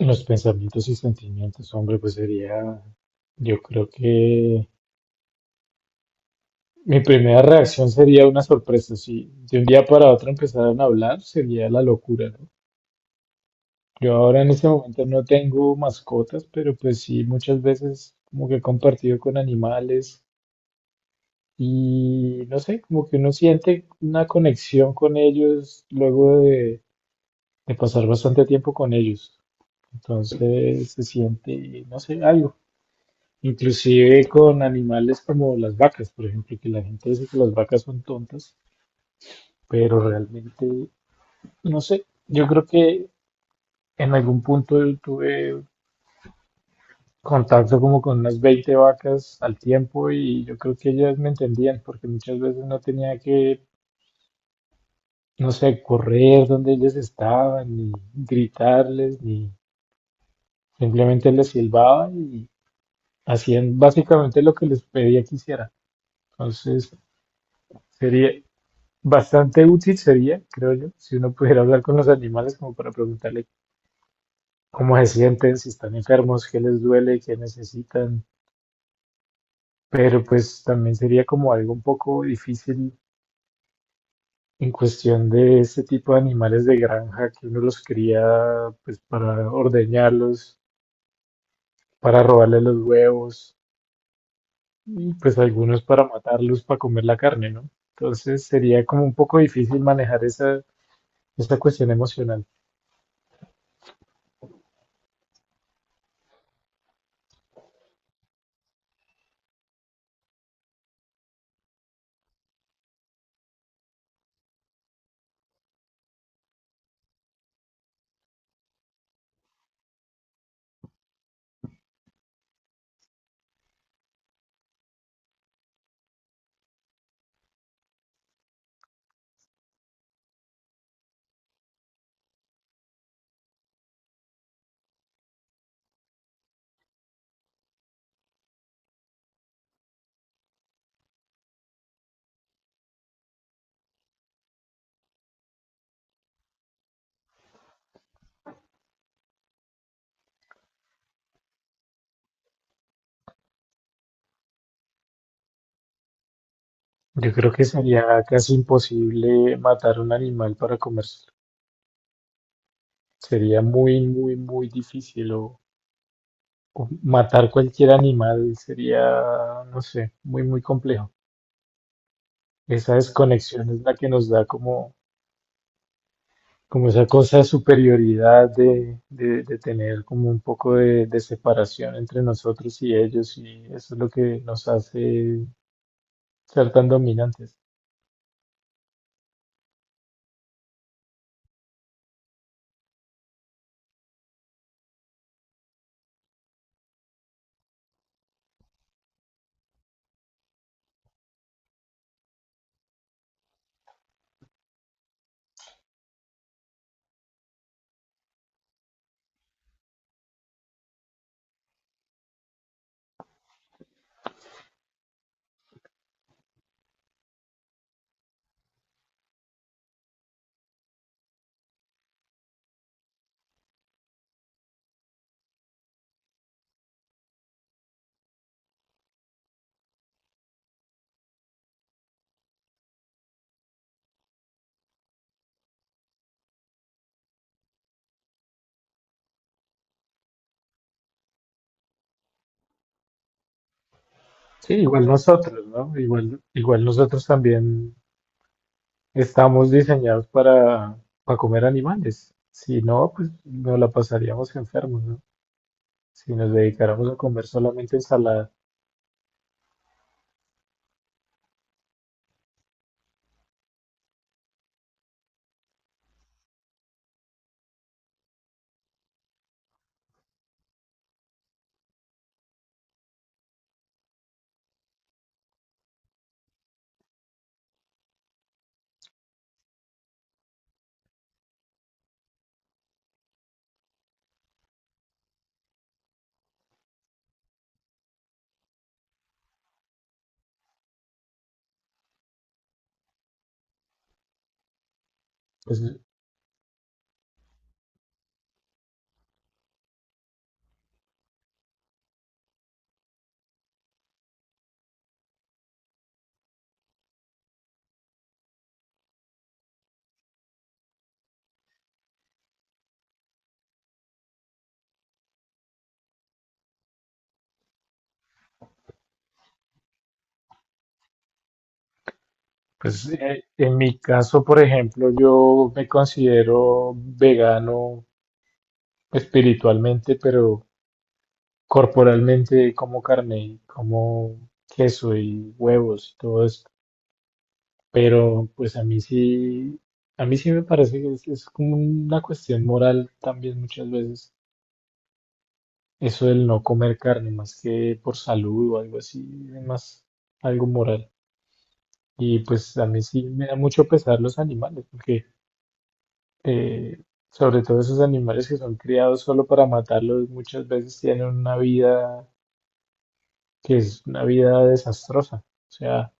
Los pensamientos y sentimientos, hombre, pues sería, yo creo que mi primera reacción sería una sorpresa. Si de un día para otro empezaran a hablar, sería la locura, ¿no? Yo ahora en este momento no tengo mascotas, pero pues sí, muchas veces como que he compartido con animales y no sé, como que uno siente una conexión con ellos luego de pasar bastante tiempo con ellos. Entonces se siente, no sé, algo. Inclusive con animales como las vacas, por ejemplo, que la gente dice que las vacas son tontas, pero realmente, no sé, yo creo que en algún punto yo tuve contacto como con unas 20 vacas al tiempo y yo creo que ellas me entendían porque muchas veces no tenía que, no sé, correr donde ellas estaban, ni gritarles, ni simplemente les silbaba y hacían básicamente lo que les pedía que hiciera. Entonces, sería, bastante útil sería, creo yo, si uno pudiera hablar con los animales como para preguntarle cómo se sienten, si están enfermos, qué les duele, qué necesitan. Pero pues también sería como algo un poco difícil en cuestión de este tipo de animales de granja que uno los cría pues para ordeñarlos, para robarles los huevos y pues algunos para matarlos, para comer la carne, ¿no? Entonces sería como un poco difícil manejar esa cuestión emocional. Yo creo que sería casi imposible matar un animal para comérselo. Sería muy, muy, muy difícil. O matar cualquier animal sería, no sé, muy, muy complejo. Esa desconexión es la que nos da como, como esa cosa de superioridad de tener como un poco de separación entre nosotros y ellos. Y eso es lo que nos hace ser tan dominantes. Sí, igual nosotros, ¿no? Igual, igual nosotros también estamos diseñados para comer animales. Si no, pues nos la pasaríamos enfermos, ¿no? Si nos dedicáramos a comer solamente ensalada. Pues, en mi caso, por ejemplo, yo me considero vegano espiritualmente, pero corporalmente como carne y como queso y huevos y todo esto. Pero pues a mí sí me parece que es como una cuestión moral también muchas veces. Eso del no comer carne, más que por salud o algo así, es más algo moral. Y pues a mí sí me da mucho pesar los animales, porque eh, sobre todo esos animales que son criados solo para matarlos, muchas veces tienen una vida que es una vida desastrosa. O sea,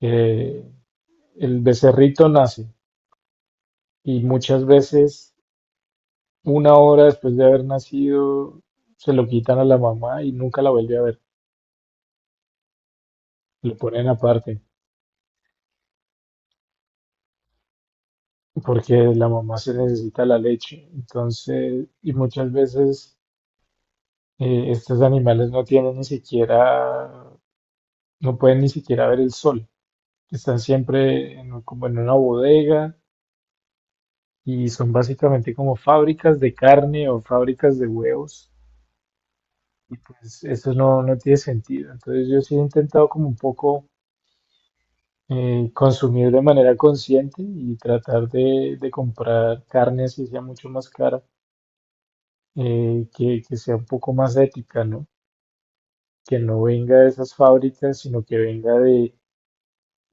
eh, el becerrito nace y muchas veces una hora después de haber nacido se lo quitan a la mamá y nunca la vuelve a ver, lo ponen aparte. Porque la mamá se necesita la leche. Entonces, y muchas veces estos animales no tienen ni siquiera, no pueden ni siquiera ver el sol. Están siempre en, como en una bodega y son básicamente como fábricas de carne o fábricas de huevos. Y pues eso no, no tiene sentido. Entonces yo sí he intentado como un poco consumir de manera consciente y tratar de comprar carne así sea mucho más cara, que sea un poco más ética, ¿no? Que no venga de esas fábricas, sino que venga de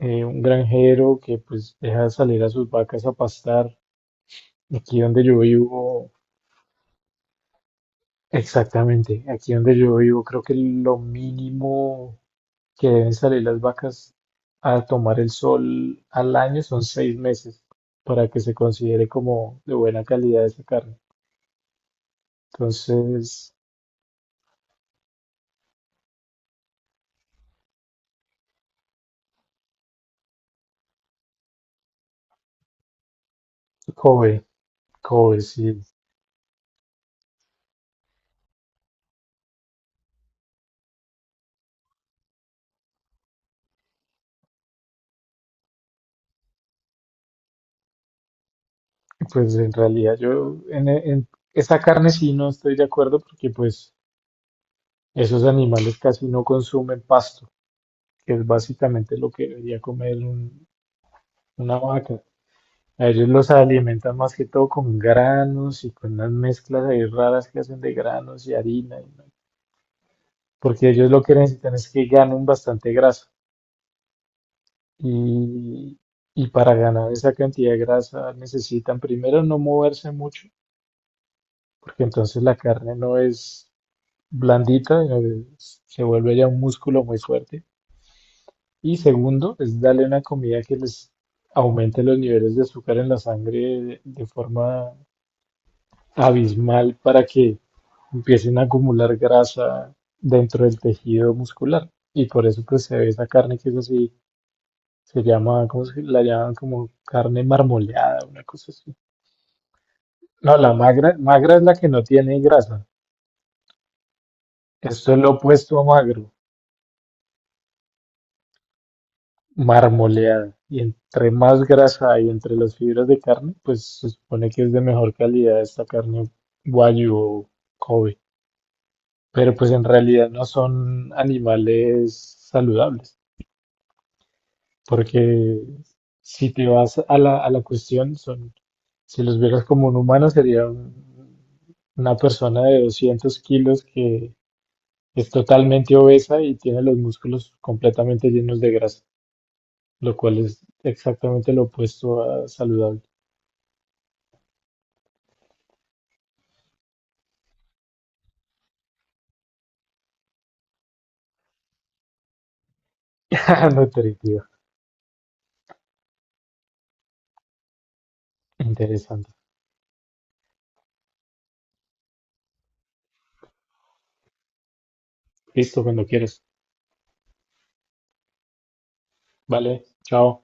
un granjero que pues deja salir a sus vacas a pastar. Aquí donde yo vivo, exactamente, aquí donde yo vivo, creo que lo mínimo que deben salir las vacas a tomar el sol al año son 6 meses para que se considere como de buena calidad esa carne. Entonces, Kobe, Kobe, sí, pues en realidad yo en esa carne sí no estoy de acuerdo porque pues esos animales casi no consumen pasto, que es básicamente lo que debería comer una vaca. A ellos los alimentan más que todo con granos y con unas mezclas ahí raras que hacen de granos y harina, porque ellos lo que necesitan es que ganen bastante grasa. Y, y para ganar esa cantidad de grasa necesitan primero no moverse mucho, porque entonces la carne no es blandita, se vuelve ya un músculo muy fuerte. Y segundo, es darle una comida que les aumente los niveles de azúcar en la sangre de forma abismal para que empiecen a acumular grasa dentro del tejido muscular. Y por eso pues se ve esa carne que es así, se llama, ¿cómo se la llaman? Como carne marmoleada, una cosa así. No, la magra, magra es la que no tiene grasa. Esto es lo opuesto a magro. Marmoleada. Y entre más grasa hay entre las fibras de carne, pues se supone que es de mejor calidad esta carne wagyu o Kobe. Pero pues en realidad no son animales saludables, porque si te vas a la cuestión, son, si los vieras como un humano, sería una persona de 200 kilos que es totalmente obesa y tiene los músculos completamente llenos de grasa, lo cual es exactamente lo opuesto a saludable. No te digo. Interesante. Listo, cuando quieres. Vale, chao.